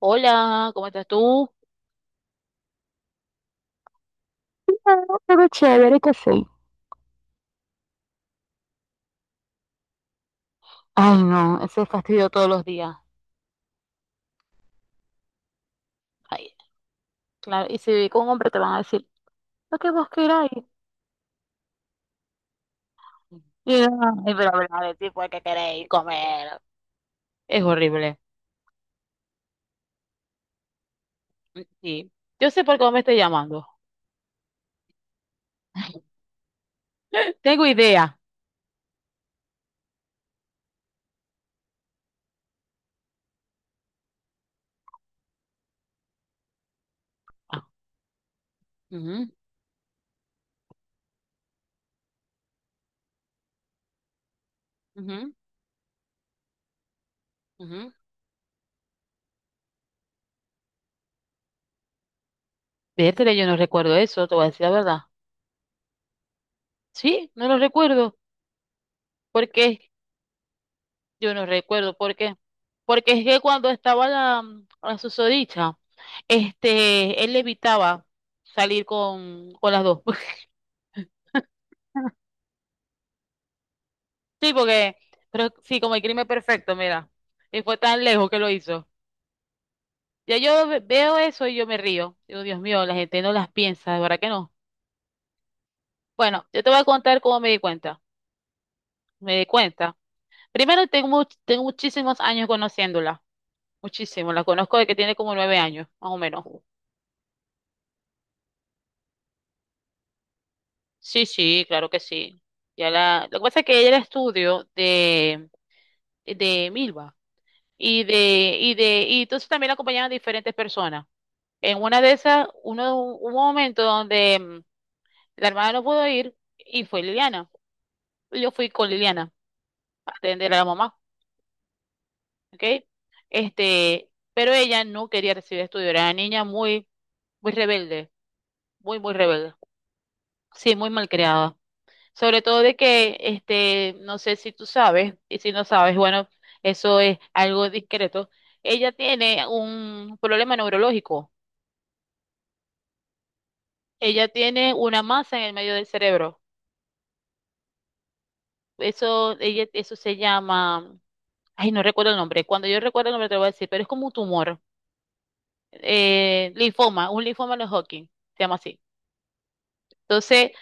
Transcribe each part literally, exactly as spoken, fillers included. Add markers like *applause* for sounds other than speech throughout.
Hola, ¿cómo estás tú? Claro, pero chévere que sí. Ay, no, ese fastidio todos los días. Ay, claro, y si viví con un hombre te van a decir, lo que vos queráis. Y, ay, pero hablar de tipo que queréis comer. Es horrible. Mm, sí. Yo sé por qué vos me estoy llamando. *gasps* *laughs* Tengo idea. Ah, ujú, ujú, ujú. Vértele, yo no recuerdo eso, te voy a decir la verdad. Sí, no lo recuerdo. ¿Por qué? Yo no recuerdo por qué. Porque es que cuando estaba la, la susodicha, este, él evitaba salir con, con las dos. *laughs* Sí, porque, pero sí, como el crimen perfecto, mira. Y fue tan lejos que lo hizo. Ya yo ve- veo eso y yo me río. Digo, Dios mío, la gente no las piensa, de verdad que no. Bueno, yo te voy a contar cómo me di cuenta. Me di cuenta. Primero, tengo, much- tengo muchísimos años conociéndola. Muchísimo. La conozco de que tiene como nueve años, más o menos. Sí, sí, claro que sí. Ya la, lo que pasa es que ella era estudio de, de Milva y de, y de, y entonces también la acompañaban diferentes personas. En una de esas, uno, hubo un momento donde mm, la hermana no pudo ir y fue Liliana. Yo fui con Liliana a atender a la mamá, ¿ok? Este, pero ella no quería recibir estudio, era una niña muy, muy rebelde, muy, muy rebelde, sí, muy malcriada. Sobre todo de que, este, no sé si tú sabes, y si no sabes, bueno, eso es algo discreto. Ella tiene un problema neurológico. Ella tiene una masa en el medio del cerebro. Eso, ella, eso se llama, ay, no recuerdo el nombre. Cuando yo recuerdo el nombre te lo voy a decir, pero es como un tumor, eh, linfoma, un linfoma de Hodgkin se llama así. Entonces,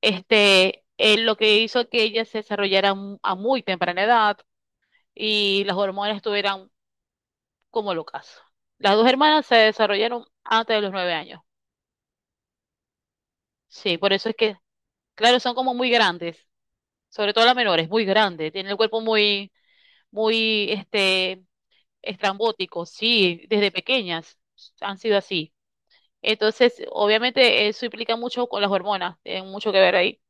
este, eh, lo que hizo que ella se desarrollara mu- a muy temprana edad y las hormonas estuvieran como el ocaso. Las dos hermanas se desarrollaron antes de los nueve años. Sí, por eso es que, claro, son como muy grandes, sobre todo la menor, es muy grande, tiene el cuerpo muy, muy, este, estrambótico, sí, desde pequeñas han sido así. Entonces, obviamente, eso implica mucho con las hormonas, tiene mucho que ver ahí.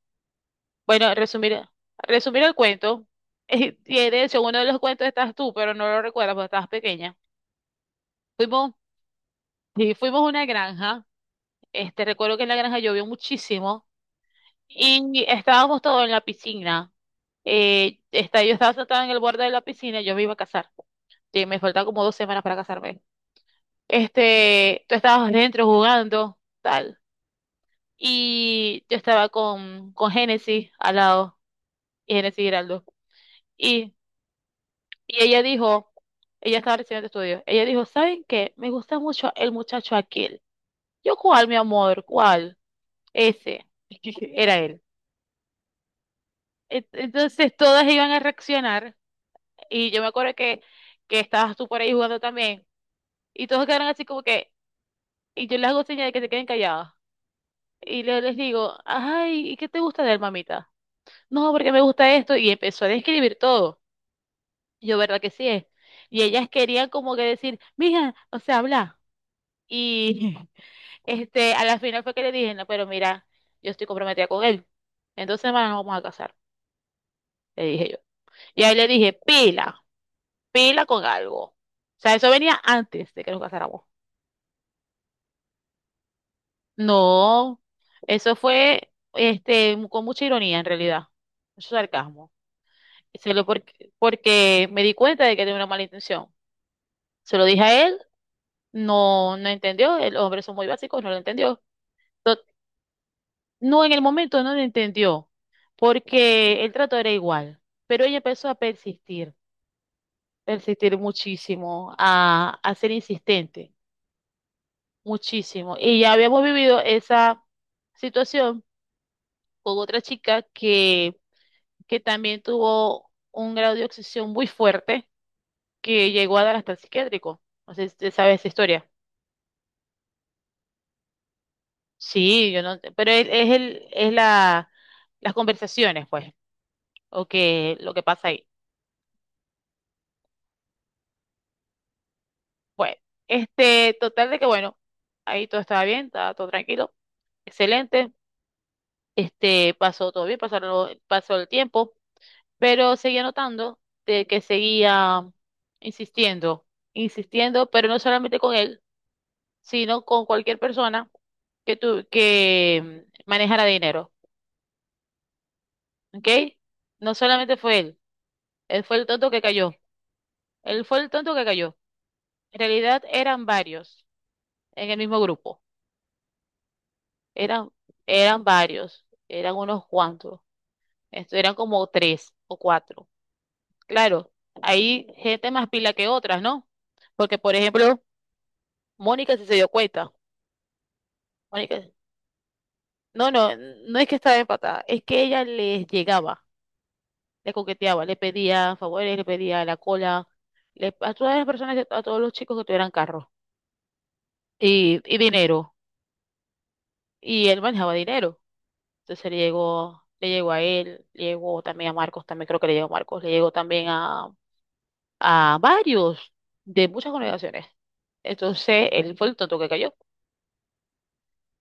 Bueno, resumir, resumir el cuento, *laughs* eh, y de hecho, uno de los cuentos estás tú, pero no lo recuerdas porque estabas pequeña. Fuimos, sí, fuimos a una granja, este, recuerdo que en la granja llovió muchísimo. Y estábamos todos en la piscina. Eh, está, yo estaba sentada en el borde de la piscina, yo me iba a casar. Sí, me faltan como dos semanas para casarme. Este, tú estabas dentro jugando, tal. Y yo estaba con, con Génesis al lado, y Génesis Giraldo. Y, y ella dijo, ella estaba recibiendo estudios, ella dijo, ¿saben qué? Me gusta mucho el muchacho aquel. Yo, ¿cuál, mi amor? ¿Cuál? Ese. *laughs* Era él. Et- Entonces todas iban a reaccionar. Y yo me acuerdo que, que estabas tú por ahí jugando también. Y todos quedaron así como que, y yo les hago señas de que se queden callados. Y le- les digo, ay, ¿y qué te gusta de él, mamita? No, porque me gusta esto. Y empezó a describir todo. Y yo, ¿verdad que sí es? Y ellas querían como que decir, mija, o sea, habla. Y *laughs* este, a la final fue que le dije, no, pero mira, yo estoy comprometida con él. En dos semanas nos vamos a casar, le dije yo. Y ahí le dije, pila, pila con algo. O sea, eso venía antes de que nos casáramos. No, eso fue este con mucha ironía en realidad, mucho sarcasmo. Se lo porque, porque me di cuenta de que tenía una mala intención. Se lo dije a él, no, no entendió, el hombre son muy básicos, no lo entendió. To- No, en el momento no lo entendió, porque el trato era igual, pero ella empezó a persistir, persistir muchísimo, a, a ser insistente, muchísimo. Y ya habíamos vivido esa situación con otra chica que que también tuvo un grado de obsesión muy fuerte que llegó a dar hasta el psiquiátrico. No sé si te sabes esa historia. Sí, yo no, pero es, es el, es la, las conversaciones, pues, o que lo que pasa ahí. Bueno, este, total de que bueno, ahí todo estaba bien, estaba todo tranquilo, excelente, este, pasó todo bien, pasaron, pasó el tiempo, pero seguía notando de que seguía insistiendo, insistiendo, pero no solamente con él, sino con cualquier persona que, tu, que manejara dinero, ¿ok? No solamente fue él, él fue el tonto que cayó, él fue el tonto que cayó. En realidad eran varios en el mismo grupo, eran, eran varios, eran unos cuantos, esto eran como tres o cuatro. Claro, hay gente más pila que otras, ¿no? Porque, por ejemplo, Mónica sí se dio cuenta. Mónica, no, no, no es que estaba empatada, es que ella les llegaba. Le coqueteaba, le pedía favores, le pedía la cola, le, a todas las personas, a todos los chicos que tuvieran carro y, y dinero. Y él manejaba dinero. Entonces le llegó, le llegó a él, le llegó también a Marcos, también creo que le llegó a Marcos, le llegó también a, a varios de muchas congregaciones. Entonces él fue el tonto que cayó.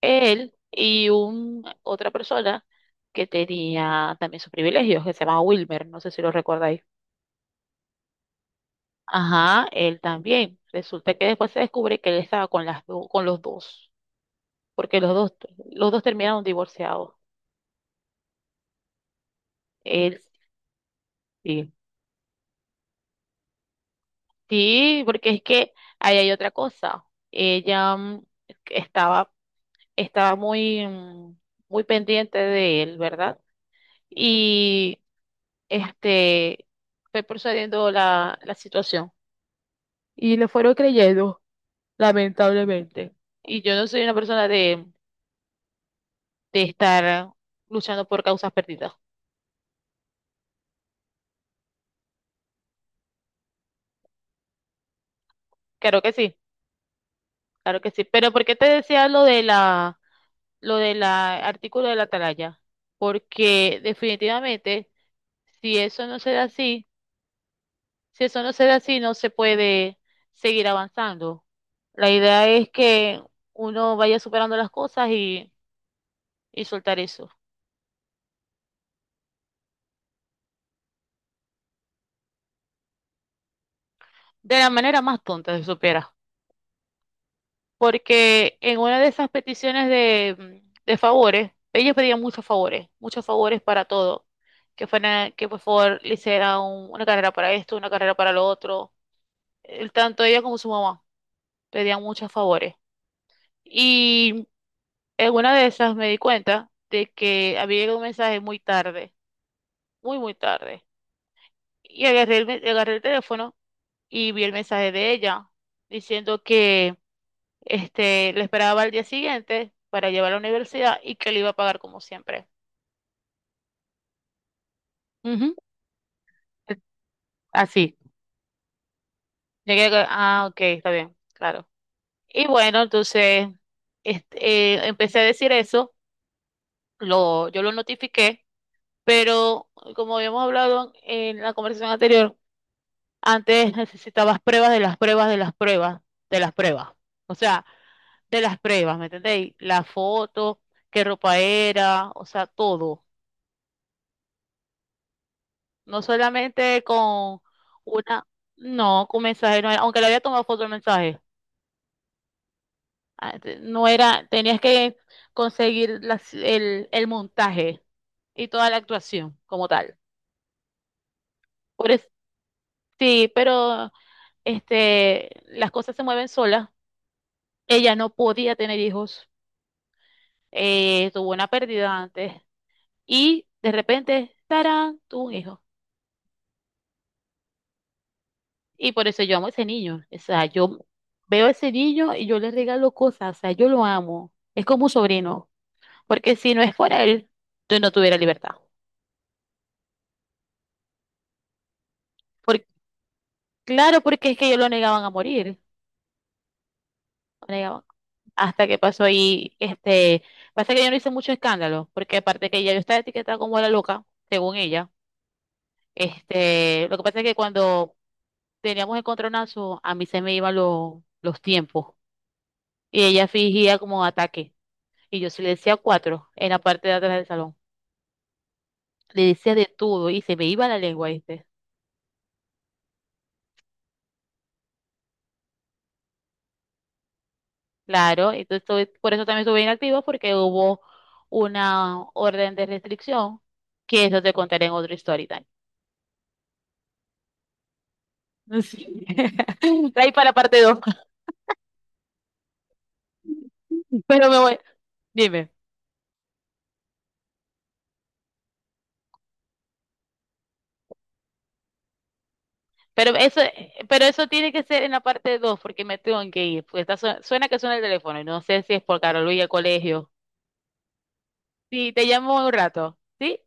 Él y un, otra persona que tenía también sus privilegios, que se llama Wilmer, no sé si lo recordáis. Ajá, él también. Resulta que después se descubre que él estaba con las do- con los dos, porque los dos, los dos terminaron divorciados. Él, sí. Sí, porque es que ahí hay otra cosa. Ella mm, estaba, estaba muy, mm, muy pendiente de él, ¿verdad? Y este fue procediendo la, la situación. Y le fueron creyendo, lamentablemente. Y yo no soy una persona de, de estar luchando por causas perdidas. Claro que sí, claro que sí. Pero ¿por qué te decía lo de la, lo del artículo de la Atalaya? Porque definitivamente, si eso no se da así, si eso no se da así, no se puede seguir avanzando. La idea es que uno vaya superando las cosas y, y soltar eso. De la manera más tonta, se supera. Porque en una de esas peticiones de, mm, de favores, ellos pedían muchos favores, muchos favores para todo, que fuera, que por favor le hiciera un- una carrera para esto, una carrera para lo otro. El- tanto ella como su mamá pedían muchos favores. Y en una de esas me di cuenta de que había llegado un mensaje muy tarde, muy, muy tarde. Y agarré el, me- agarré el teléfono y vi el mensaje de ella diciendo, Este, le esperaba al día siguiente para llevar a la universidad y que le iba a pagar como siempre. Ujú. Así. Llegué, a- ah, ok, está bien, claro. Y bueno, entonces este, eh, empecé a decir eso, lo, yo lo notifiqué, pero como habíamos hablado en la conversación anterior, antes necesitabas pruebas de las pruebas de las pruebas de las pruebas. O sea, de las pruebas, ¿me entendéis? La foto, qué ropa era, o sea, todo. No solamente con una, no, con mensaje, no era- aunque le había tomado foto al mensaje, ah, te- no era, tenías que conseguir las- el, el montaje y toda la actuación como tal. Por es- sí, pero este, las cosas se mueven solas. Ella no podía tener hijos, eh, tuvo una pérdida antes y de repente, tarán, tuvo un hijo. Y por eso yo amo a ese niño. O sea, yo veo a ese niño y yo le regalo cosas. O sea, yo lo amo. Es como un sobrino. Porque si no es por él, yo no tuviera libertad. Por- claro, porque es que ellos lo negaban a morir. Lo negaban. Hasta que pasó ahí, este, pasa que yo no hice mucho escándalo, porque aparte que ella yo estaba etiquetada como la loca, según ella. Este, lo que pasa es que cuando teníamos encontronazo, a mí se me iban los los tiempos. Y ella fingía como ataque. Y yo sí le decía cuatro en la parte de atrás del salón. Le decía de todo y se me iba la lengua, ¿viste? Claro, entonces tuve- por eso también estuve inactiva porque hubo una orden de restricción que eso te contaré en otro story time. *laughs* Sí. *laughs* Ahí para la parte dos. *laughs* Pero me voy, dime. Pero eso, pero eso tiene que ser en la parte dos porque me tengo que ir. Porque está, su- suena que suena el teléfono y no sé si es por Carol y el colegio. Sí, te llamo un rato. ¿Sí?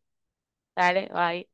Dale, bye.